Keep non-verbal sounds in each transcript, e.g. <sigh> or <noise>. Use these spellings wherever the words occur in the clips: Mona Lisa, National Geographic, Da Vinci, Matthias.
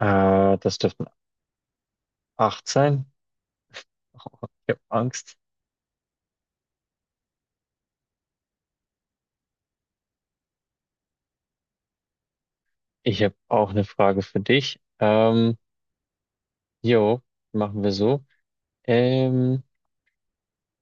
Das dürften acht sein. Ich habe Angst. Ich habe auch eine Frage für dich. Jo, machen wir so. Ähm,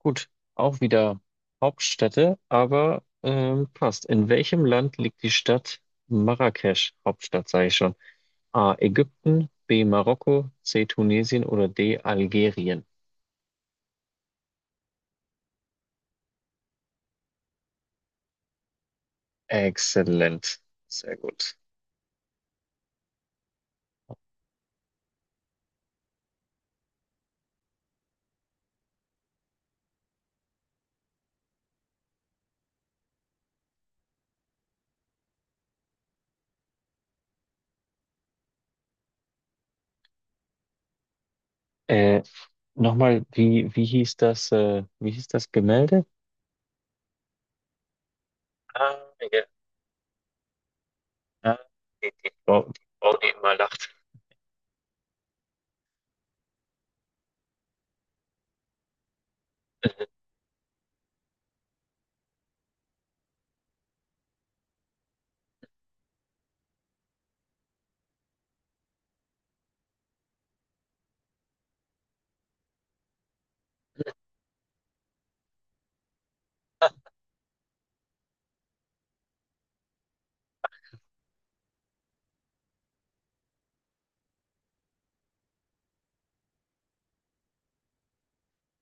gut, auch wieder Hauptstädte, aber passt. In welchem Land liegt die Stadt Marrakesch? Hauptstadt, sage ich schon. A. Ägypten, B. Marokko, C. Tunesien oder D. Algerien. Exzellent. Sehr gut. Äh, Nochmal, wie hieß das, wie hieß das Gemälde? Ah, ja. Ja, Frau, die immer lacht. <laughs>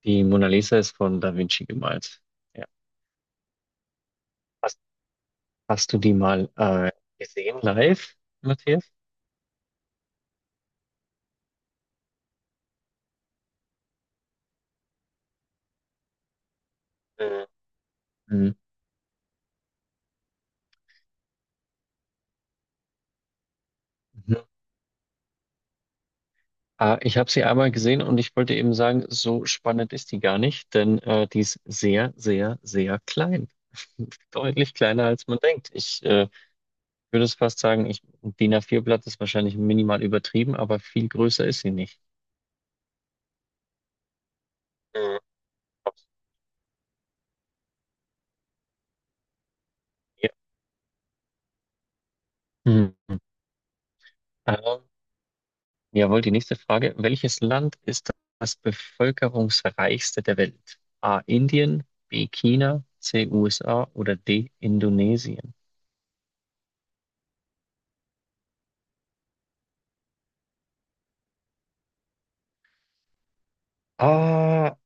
Die Mona Lisa ist von Da Vinci gemalt. Ja. Hast, hast du die mal gesehen live, Matthias? Mhm. Mhm. Ah, ich habe sie einmal gesehen und ich wollte eben sagen, so spannend ist die gar nicht, denn die ist sehr, sehr, sehr klein. <laughs> Deutlich kleiner, als man denkt. Ich würde es fast sagen, ich, ein DIN A4-Blatt ist wahrscheinlich minimal übertrieben, aber viel größer ist sie nicht. Mhm. Ja. Mhm. Ähm, Jawohl, die nächste Frage. Welches Land ist das bevölkerungsreichste der Welt? A. Indien, B. China, C. USA oder D. Indonesien? Ah,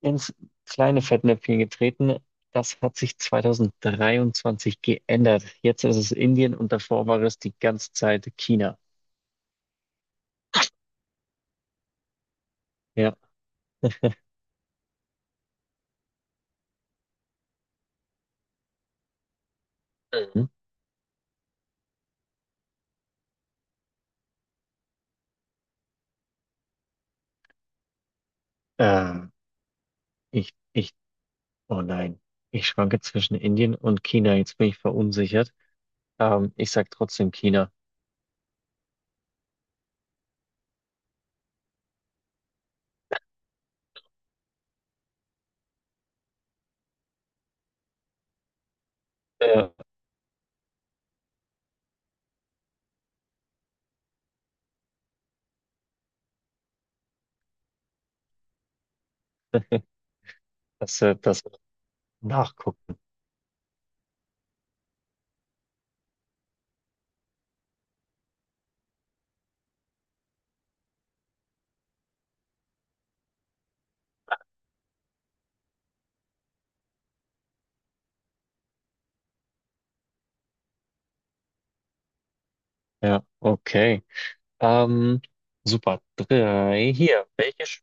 ins kleine Fettnäpfchen getreten. Das hat sich 2023 geändert. Jetzt ist es Indien und davor war es die ganze Zeit China. Ja. Mhm. Ähm, ich, ich, oh nein. Ich schwanke zwischen Indien und China. Jetzt bin ich verunsichert. Ich sag trotzdem China. Ja. Dass wir nachgucken. Ja, okay. Ähm, Super. Drei. Hier. Welche?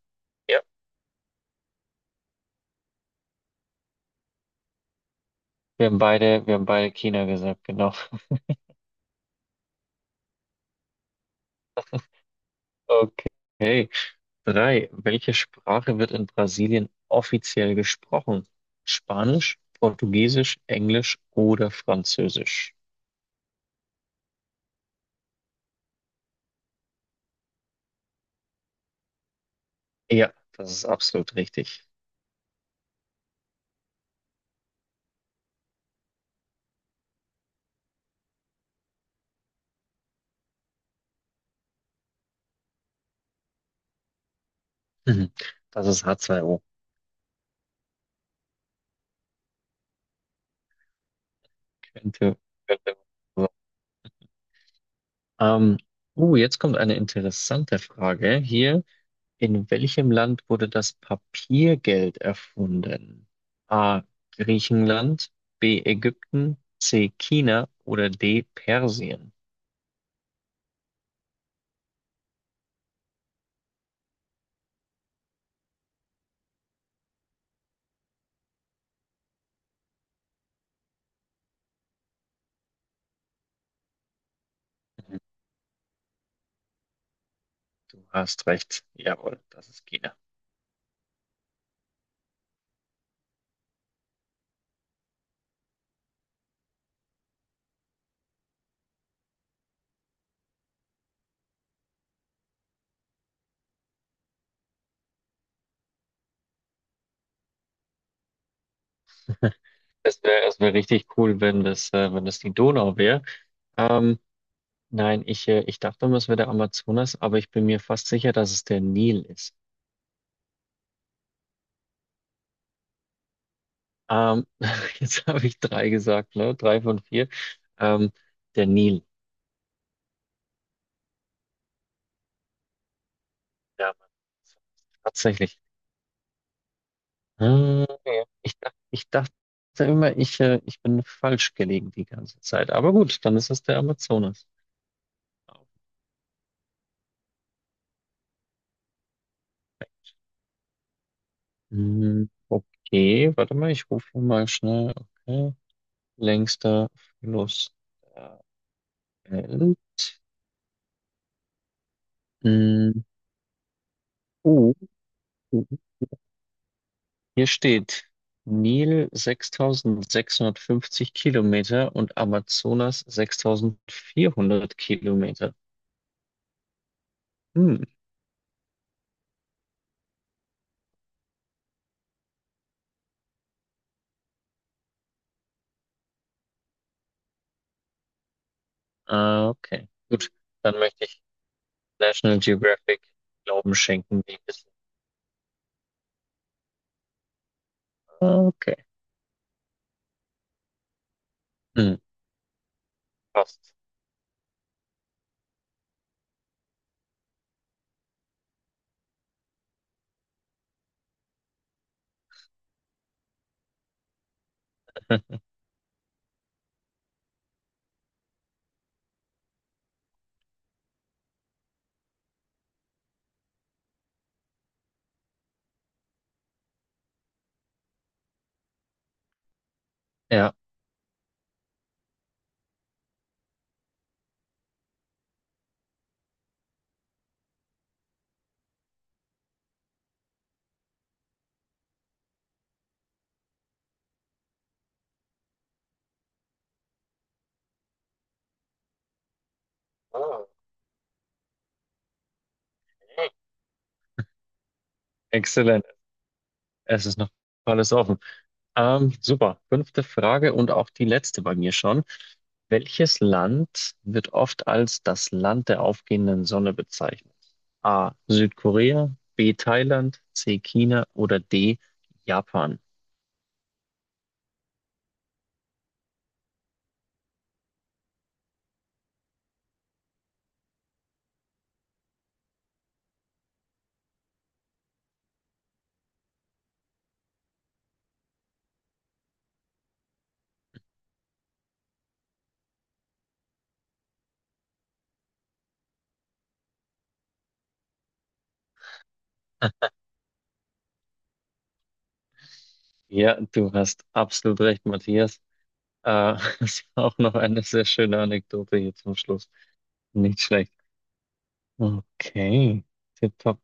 Ja, wir haben beide China gesagt, genau. <laughs> Okay. Drei. Welche Sprache wird in Brasilien offiziell gesprochen? Spanisch, Portugiesisch, Englisch oder Französisch? Ja, das ist absolut richtig. Mhm. <laughs> Das ist H2O. Könnte, könnte. Ähm, jetzt kommt eine interessante Frage hier. In welchem Land wurde das Papiergeld erfunden? A. Griechenland, B. Ägypten, C. China oder D. Persien? Du hast recht. Jawohl, das ist China. <laughs> Es wär richtig cool, wenn das, wenn das die Donau wäre. Ähm, nein, ich, ich dachte immer, es wäre der Amazonas, aber ich bin mir fast sicher, dass es der Nil ist. Ähm, <laughs> Jetzt habe ich drei gesagt, ne? Drei von vier. Ähm, Der Nil. Ja, Mann. Tatsächlich. Ah, ja. Ich dachte immer, ich, ich bin falsch gelegen die ganze Zeit. Aber gut, dann ist es der Amazonas. Hm. Okay, warte mal, ich rufe mal schnell. Okay. Längster Fluss der Welt. Hm. Oh, oh, hier steht Nil 6.650 Kilometer und Amazonas 6.400 Kilometer. Hm. Ah, okay. Gut, dann möchte ich National Geographic Glauben schenken, wie Wissen. Okay. Hm, passt. <laughs> Ja. Ah, okay. Exzellent. Es ist noch alles offen. Super. Fünfte Frage und auch die letzte bei mir schon. Welches Land wird oft als das Land der aufgehenden Sonne bezeichnet? A. Südkorea, B. Thailand, C. China oder D. Japan? Ja, du hast absolut recht, Matthias. <laughs> Das war auch noch eine sehr schöne Anekdote hier zum Schluss. Nicht schlecht. Okay. Tipp